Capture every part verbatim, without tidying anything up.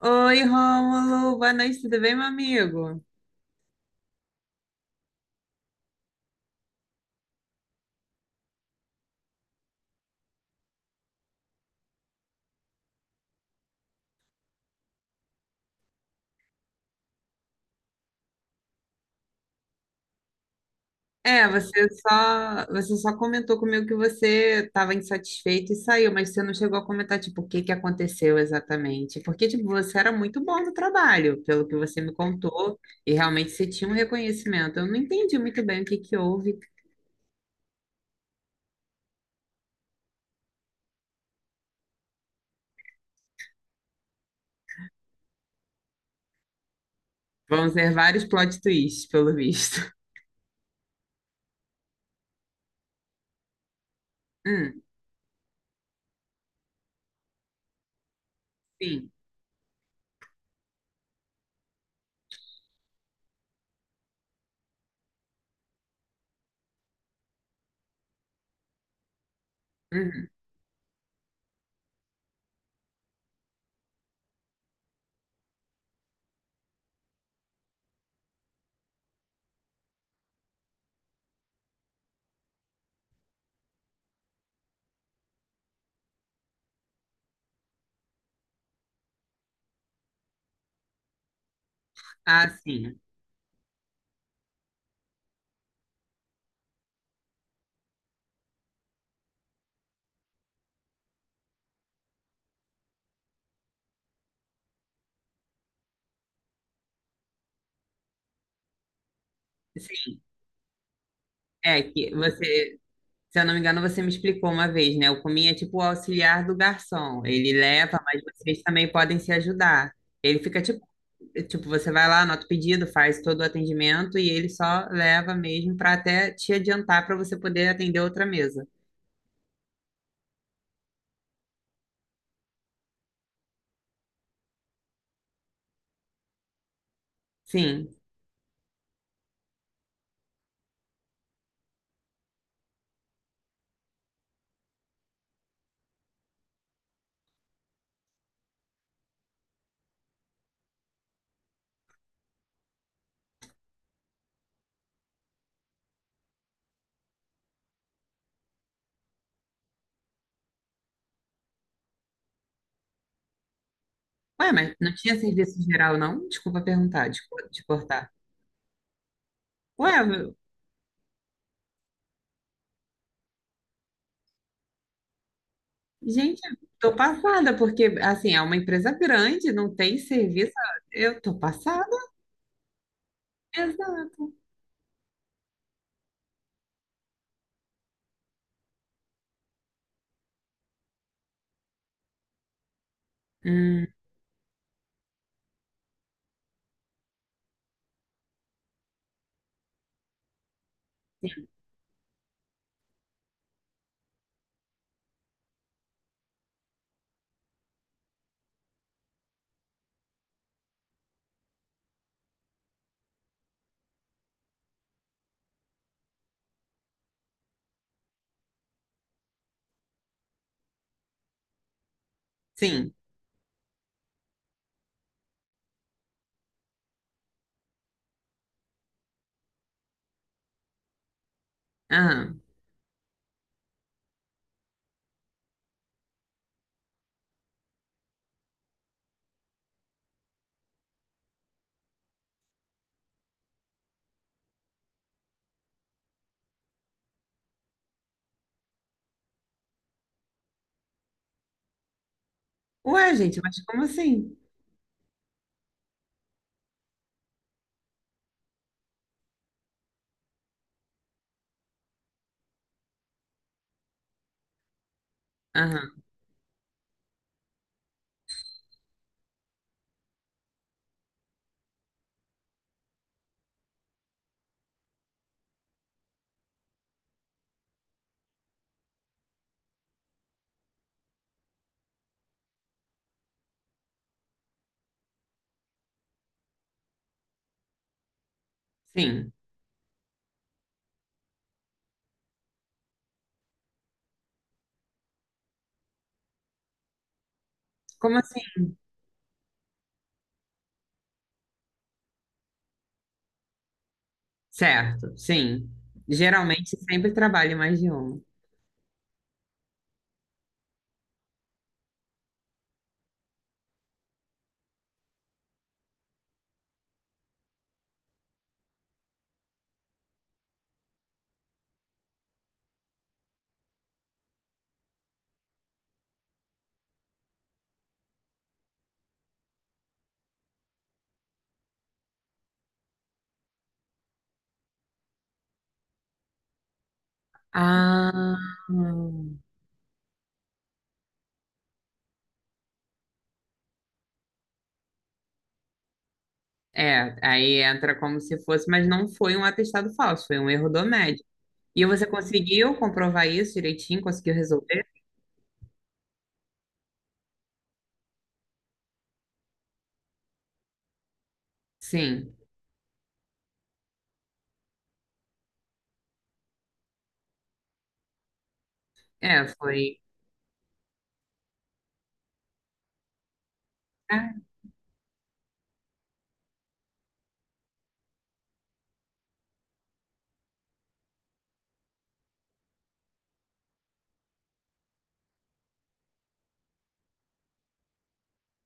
Oi, Rômulo, boa noite, tudo bem, meu amigo? É, você só, você só comentou comigo que você estava insatisfeito e saiu, mas você não chegou a comentar, tipo, o que que aconteceu exatamente. Porque, tipo, você era muito bom no trabalho, pelo que você me contou, e realmente você tinha um reconhecimento. Eu não entendi muito bem o que que houve. Vão ser vários plot twists, pelo visto. Hum, sim. Uhum. Ah, sim. Sim. É que você Se eu não me engano, você me explicou uma vez, né? O Comin é tipo o auxiliar do garçom. Ele leva, mas vocês também podem se ajudar. Ele fica tipo, tipo, você vai lá, anota o pedido, faz todo o atendimento e ele só leva mesmo para até te adiantar para você poder atender outra mesa. Sim. Ué, mas não tinha serviço geral, não? Desculpa perguntar, desculpa te cortar. Ué, meu- Gente, eu tô passada, porque assim, é uma empresa grande, não tem serviço. Eu tô passada. Exato. Hum, sim. Aham. Ué, gente, mas como assim? Aham, sim. Como assim? Certo, sim. Geralmente sempre trabalho mais de uma. Ah, é. Aí entra como se fosse, mas não foi um atestado falso, foi um erro do médico. E você conseguiu comprovar isso direitinho? Conseguiu resolver? Sim. É, foi. Ah,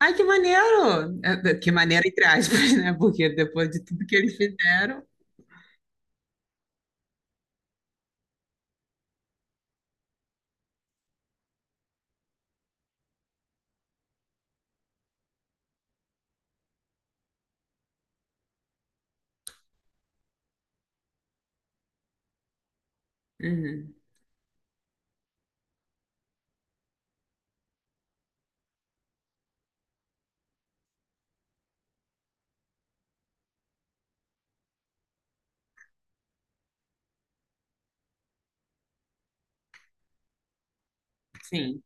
ai, que maneiro! É, que maneiro, entre aspas, né? Porque depois de tudo que eles fizeram. Uhum, sim.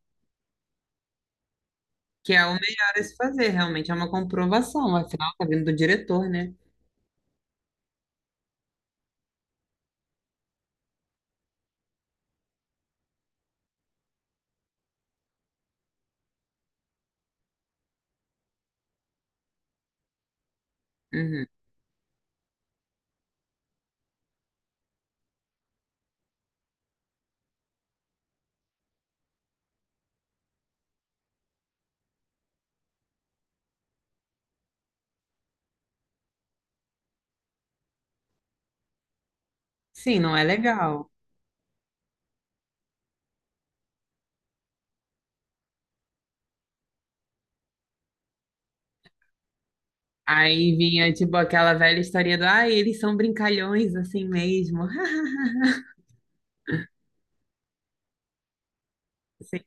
Que é o melhor a se fazer, realmente. É uma comprovação. Afinal, tá vindo do diretor, né? Uhum. Sim, não é legal. Aí vinha, tipo, aquela velha história do, ah, eles são brincalhões assim mesmo. Sim.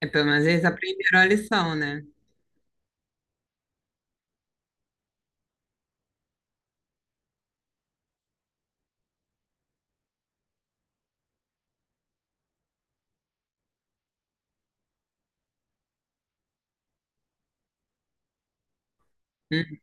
É, pelo menos eles aprenderam a lição, né? Uhum.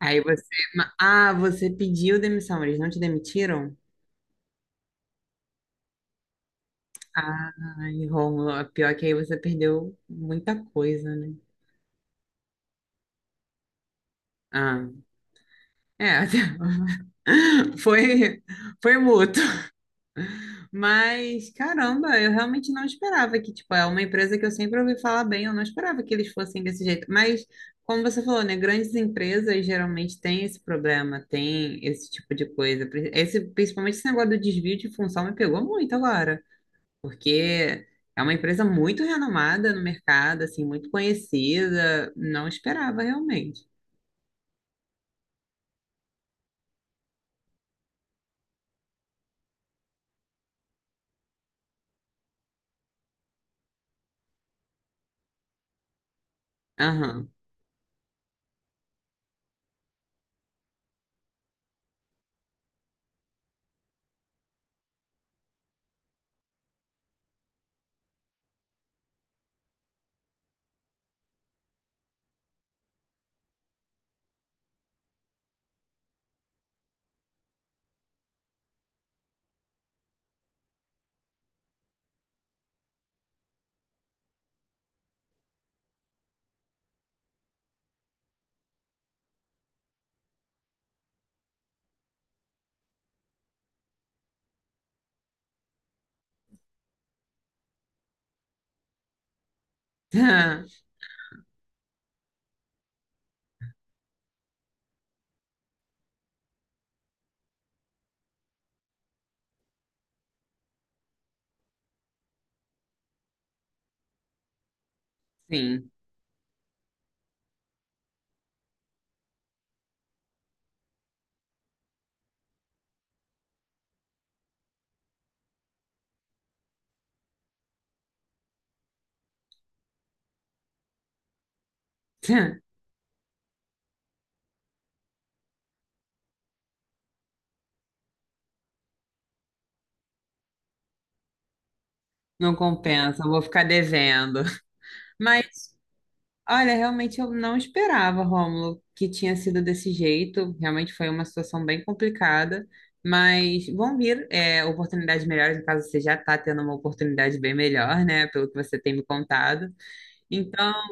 Aí você, ma- ah, você pediu demissão, eles não te demitiram? Ai, Rômulo, a pior é que aí você perdeu muita coisa, né? Ah, é, foi, foi mútuo. Mas, caramba, eu realmente não esperava que, tipo, é uma empresa que eu sempre ouvi falar bem, eu não esperava que eles fossem desse jeito. Mas, como você falou, né, grandes empresas geralmente têm esse problema, tem esse tipo de coisa. Pri- esse, principalmente esse negócio do desvio de função me pegou muito agora, porque é uma empresa muito renomada no mercado, assim, muito conhecida, não esperava realmente. Aham. Sim. Não compensa, vou ficar devendo. Mas olha, realmente eu não esperava, Rômulo, que tinha sido desse jeito. Realmente foi uma situação bem complicada, mas vão vir é, oportunidades melhores. No caso, você já está tendo uma oportunidade bem melhor, né? Pelo que você tem me contado. Então,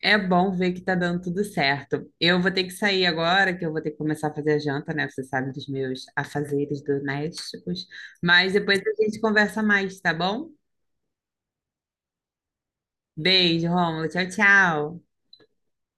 é bom ver que está dando tudo certo. Eu vou ter que sair agora, que eu vou ter que começar a fazer a janta, né? Você sabe dos meus afazeres domésticos. Mas depois a gente conversa mais, tá bom? Beijo, Rômulo. Tchau, tchau.